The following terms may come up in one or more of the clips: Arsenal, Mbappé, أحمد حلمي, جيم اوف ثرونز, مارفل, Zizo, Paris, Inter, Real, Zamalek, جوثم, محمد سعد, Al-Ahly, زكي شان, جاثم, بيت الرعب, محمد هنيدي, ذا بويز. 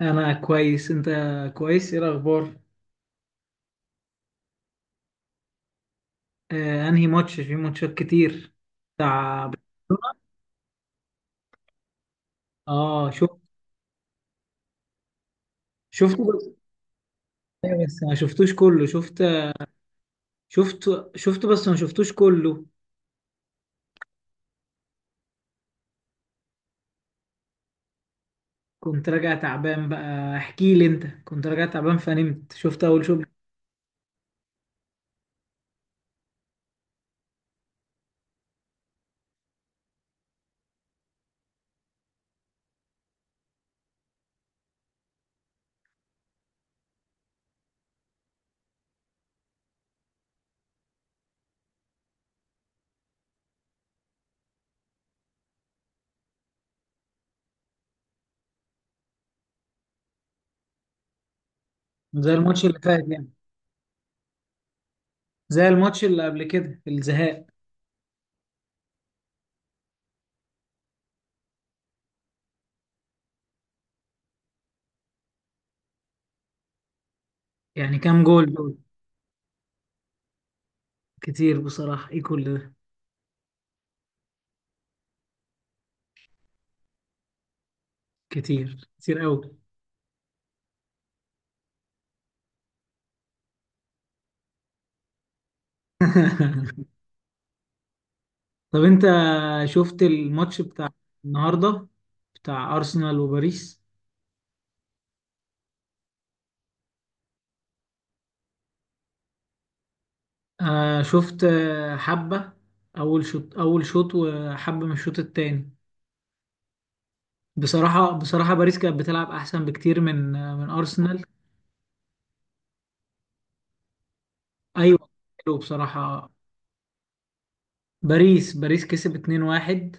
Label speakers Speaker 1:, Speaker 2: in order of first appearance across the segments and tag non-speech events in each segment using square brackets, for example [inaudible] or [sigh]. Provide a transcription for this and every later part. Speaker 1: انا كويس. انت كويس؟ ايه الاخبار؟ انهي ماتش؟ في ماتشات كتير بتاع. اه شفت. شفته بس. إيه بس ما شفتوش كله، شفت. شفت شفته بس ما شفتوش كله. كنت راجع تعبان بقى، احكي لي انت. كنت راجع تعبان فنمت، شفت اول شوط. زي الماتش اللي فات يعني، زي الماتش اللي قبل كده الزهاق. يعني كام جول دول؟ كتير بصراحة، ايه كل ده؟ كتير كتير قوي. [laughs] طب انت شفت الماتش بتاع النهارده بتاع ارسنال وباريس؟ آه شفت، حبة. اول شوط اول شوط وحبة من الشوط التاني. بصراحة بصراحة باريس كانت بتلعب احسن بكتير من من ارسنال. ايوه، حلو بصراحة. باريس باريس كسب 2-1.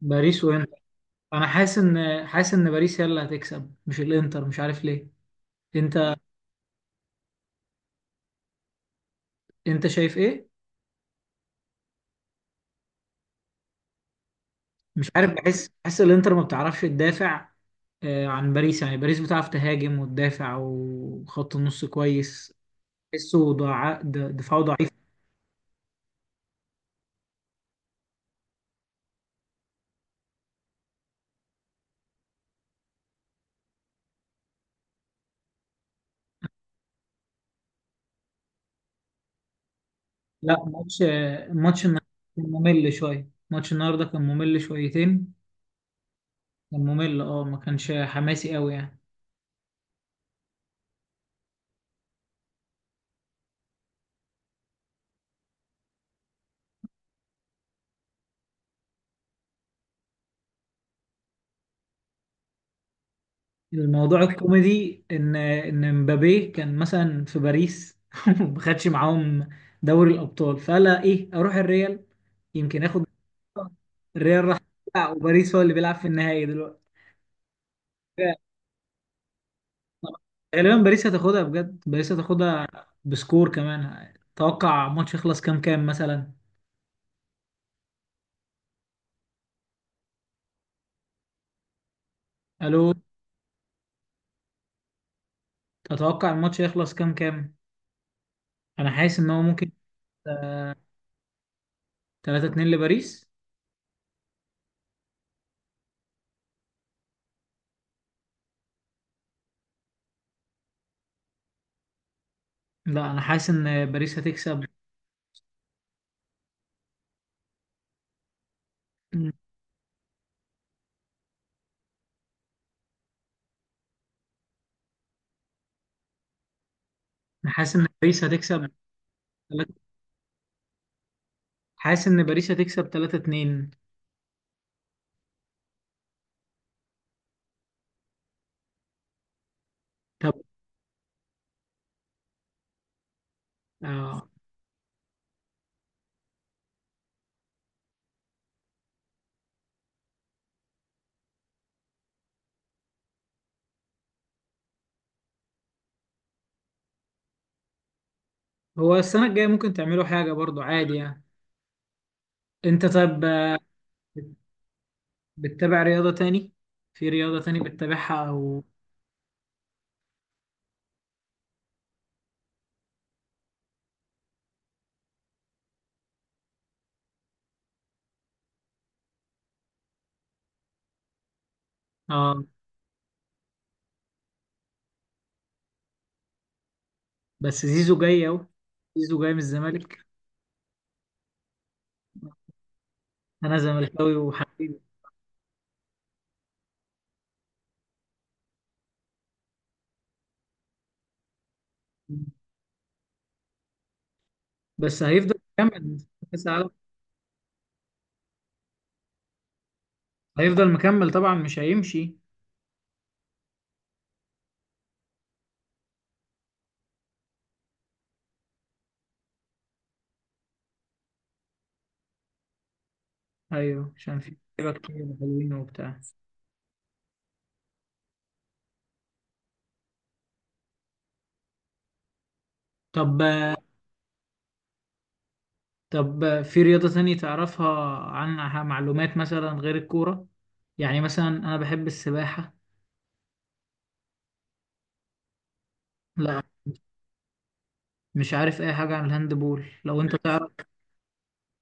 Speaker 1: باريس وانتر. انا حاسس ان حاسس ان باريس هي اللي هتكسب، مش الانتر، مش عارف ليه. انت انت شايف ايه؟ مش عارف، بحس بحس الانتر ما بتعرفش تدافع عن باريس. يعني باريس بتعرف تهاجم وتدافع وخط النص كويس. تحسه دفاعه ضعيف. لا، ماتش كان ممل شوية. ماتش النهارده كان ممل شويتين. كان ممل، اه ما كانش حماسي قوي يعني. الموضوع الكوميدي ان مبابي كان مثلا في باريس [laughs] ما خدش معاهم دوري الابطال، فقال ايه اروح الريال يمكن اخد. [laughs] الريال راح. بتاع، وباريس هو اللي بيلعب في النهائي دلوقتي. غالبا باريس هتاخدها، بجد باريس هتاخدها. بسكور كمان اتوقع الماتش يخلص كام كام مثلا. الو؟ تتوقع الماتش يخلص كام كام؟ انا حاسس ان هو ممكن 3 2 لباريس. لا انا حاسس ان باريس هتكسب. انا حاسس ان باريس هتكسب تلاتة- حاسس ان باريس هتكسب 3 2. طب، اه، هو السنة الجاية ممكن تعملوا حاجة برضو عادي يعني. انت طب، بتتابع رياضة تاني؟ في رياضة تاني بتتابعها او؟ اه بس زيزو جاي اهو، زيزو جاي من الزمالك. انا زملكاوي وحبيبي. بس هيفضل مكمل. بس على- هيفضل مكمل طبعا، مش هيمشي. ايوه عشان في لعيبة كتير حلوين وبتاع. طب طب في رياضة تانية تعرفها عنها معلومات مثلا غير الكورة؟ يعني مثلا أنا بحب السباحة. لا مش عارف أي حاجة عن الهاندبول، لو أنت تعرف.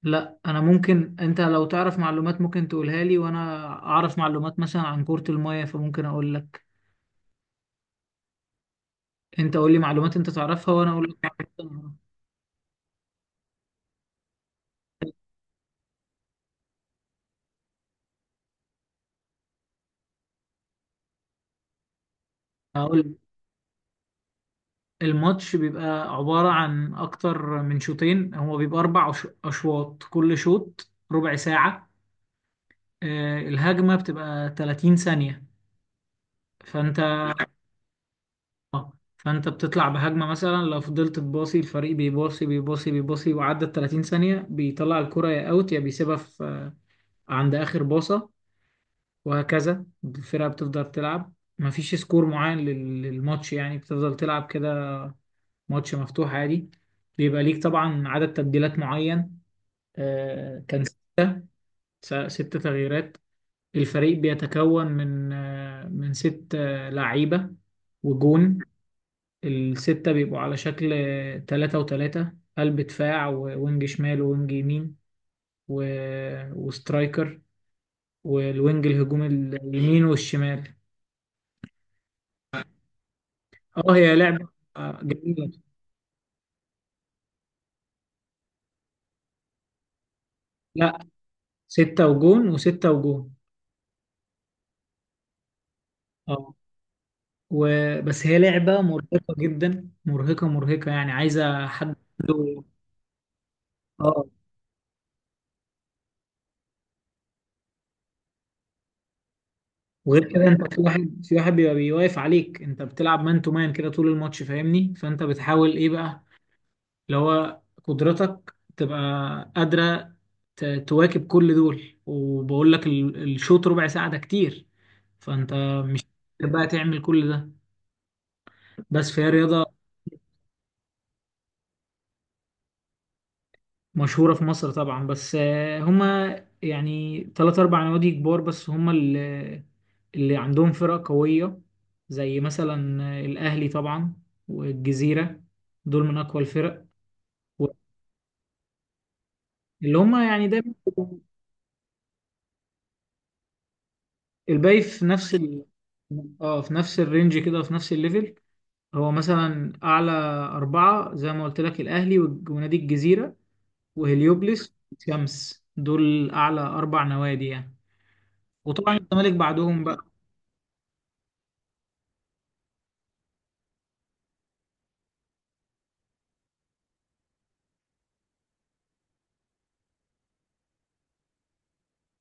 Speaker 1: لا أنا، ممكن أنت لو تعرف معلومات ممكن تقولها لي، وأنا أعرف معلومات مثلا عن كرة المية فممكن أقول لك. أنت قول لي معلومات أنت تعرفها وأنا أقول لك معلومات أنا أعرفها. هقول لك. الماتش بيبقى عبارة عن أكتر من شوطين، هو بيبقى أربع أشواط، كل شوط ربع ساعة. الهجمة بتبقى 30 ثانية. فانت فانت بتطلع بهجمة مثلا، لو فضلت تباصي الفريق بيباصي بيباصي بيباصي وعدت 30 ثانية، بيطلع الكرة يا اوت يا بيسيبها في عند اخر باصة، وهكذا الفرقة بتفضل تلعب. مفيش سكور معين للماتش يعني، بتفضل تلعب كده. ماتش مفتوح عادي. بيبقى ليك طبعا عدد تبديلات معين، كان 6 تغييرات. الفريق بيتكون من من 6 لعيبة وجون. الـ6 بيبقوا على شكل 3 و3. قلب دفاع ووينج شمال ووينج يمين و... وسترايكر، والوينج الهجوم اليمين والشمال. اه هي لعبة جميلة. لا، 6 وجون و6 وجون. اه و... بس هي لعبة مرهقة جدا، مرهقة مرهقة يعني، عايزة حد عنده- اه. وغير كده انت في واحد في واحد، بيبقى بيواقف عليك، انت بتلعب مان تو مان كده طول الماتش، فاهمني؟ فانت بتحاول ايه بقى، اللي هو قدرتك تبقى قادرة تواكب كل دول. وبقول لك الشوط ¼ ساعة ده كتير، فأنت مش قادر بقى تعمل كل ده. بس فهي رياضة مشهورة في مصر طبعا. بس هما يعني 3 4 نوادي كبار بس هما اللي عندهم فرق قوية، زي مثلا الأهلي طبعا والجزيرة. دول من أقوى الفرق، اللي هما يعني دايما. الباقي في نفس ال... اه في نفس الرينج كده، في نفس الليفل. هو مثلا اعلى 4 زي ما قلت لك، الاهلي ونادي الجزيره وهليوبلس والشمس، دول اعلى 4 نوادي يعني. وطبعا الزمالك بعدهم بقى.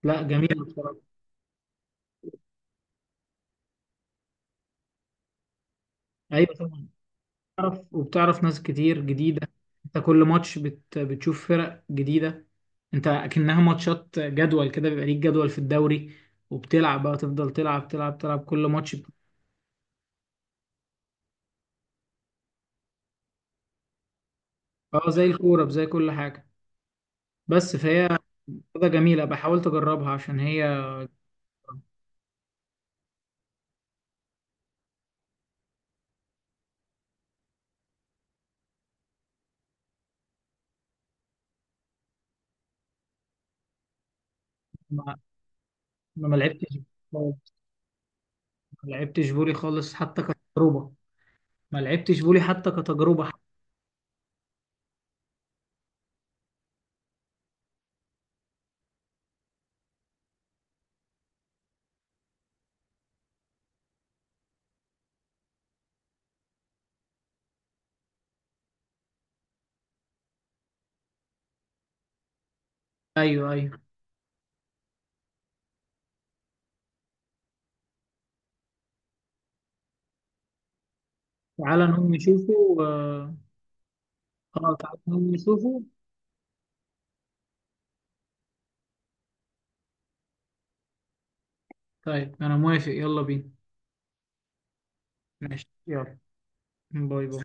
Speaker 1: لا جميل بصراحه. ايوه طبعا بتعرف وبتعرف ناس كتير جديده. انت كل ماتش بتشوف فرق جديده. انت اكنها ماتشات جدول كده، بيبقى ليك جدول في الدوري وبتلعب بقى، تفضل تلعب تلعب تلعب كل ماتش اه زي الكوره زي كل حاجه. بس فهي رياضة جميلة، بحاولت أجربها عشان هي. ما, ما لعبتش خالص. ما لعبتش فولي خالص حتى كتجربة. ما لعبتش فولي حتى كتجربة حتى. أيوه أيوه، تعالى نقوم نشوفه. آه، تعالى نقوم نشوفه. طيب أنا موافق، يلا بينا. ماشي يلا. باي باي.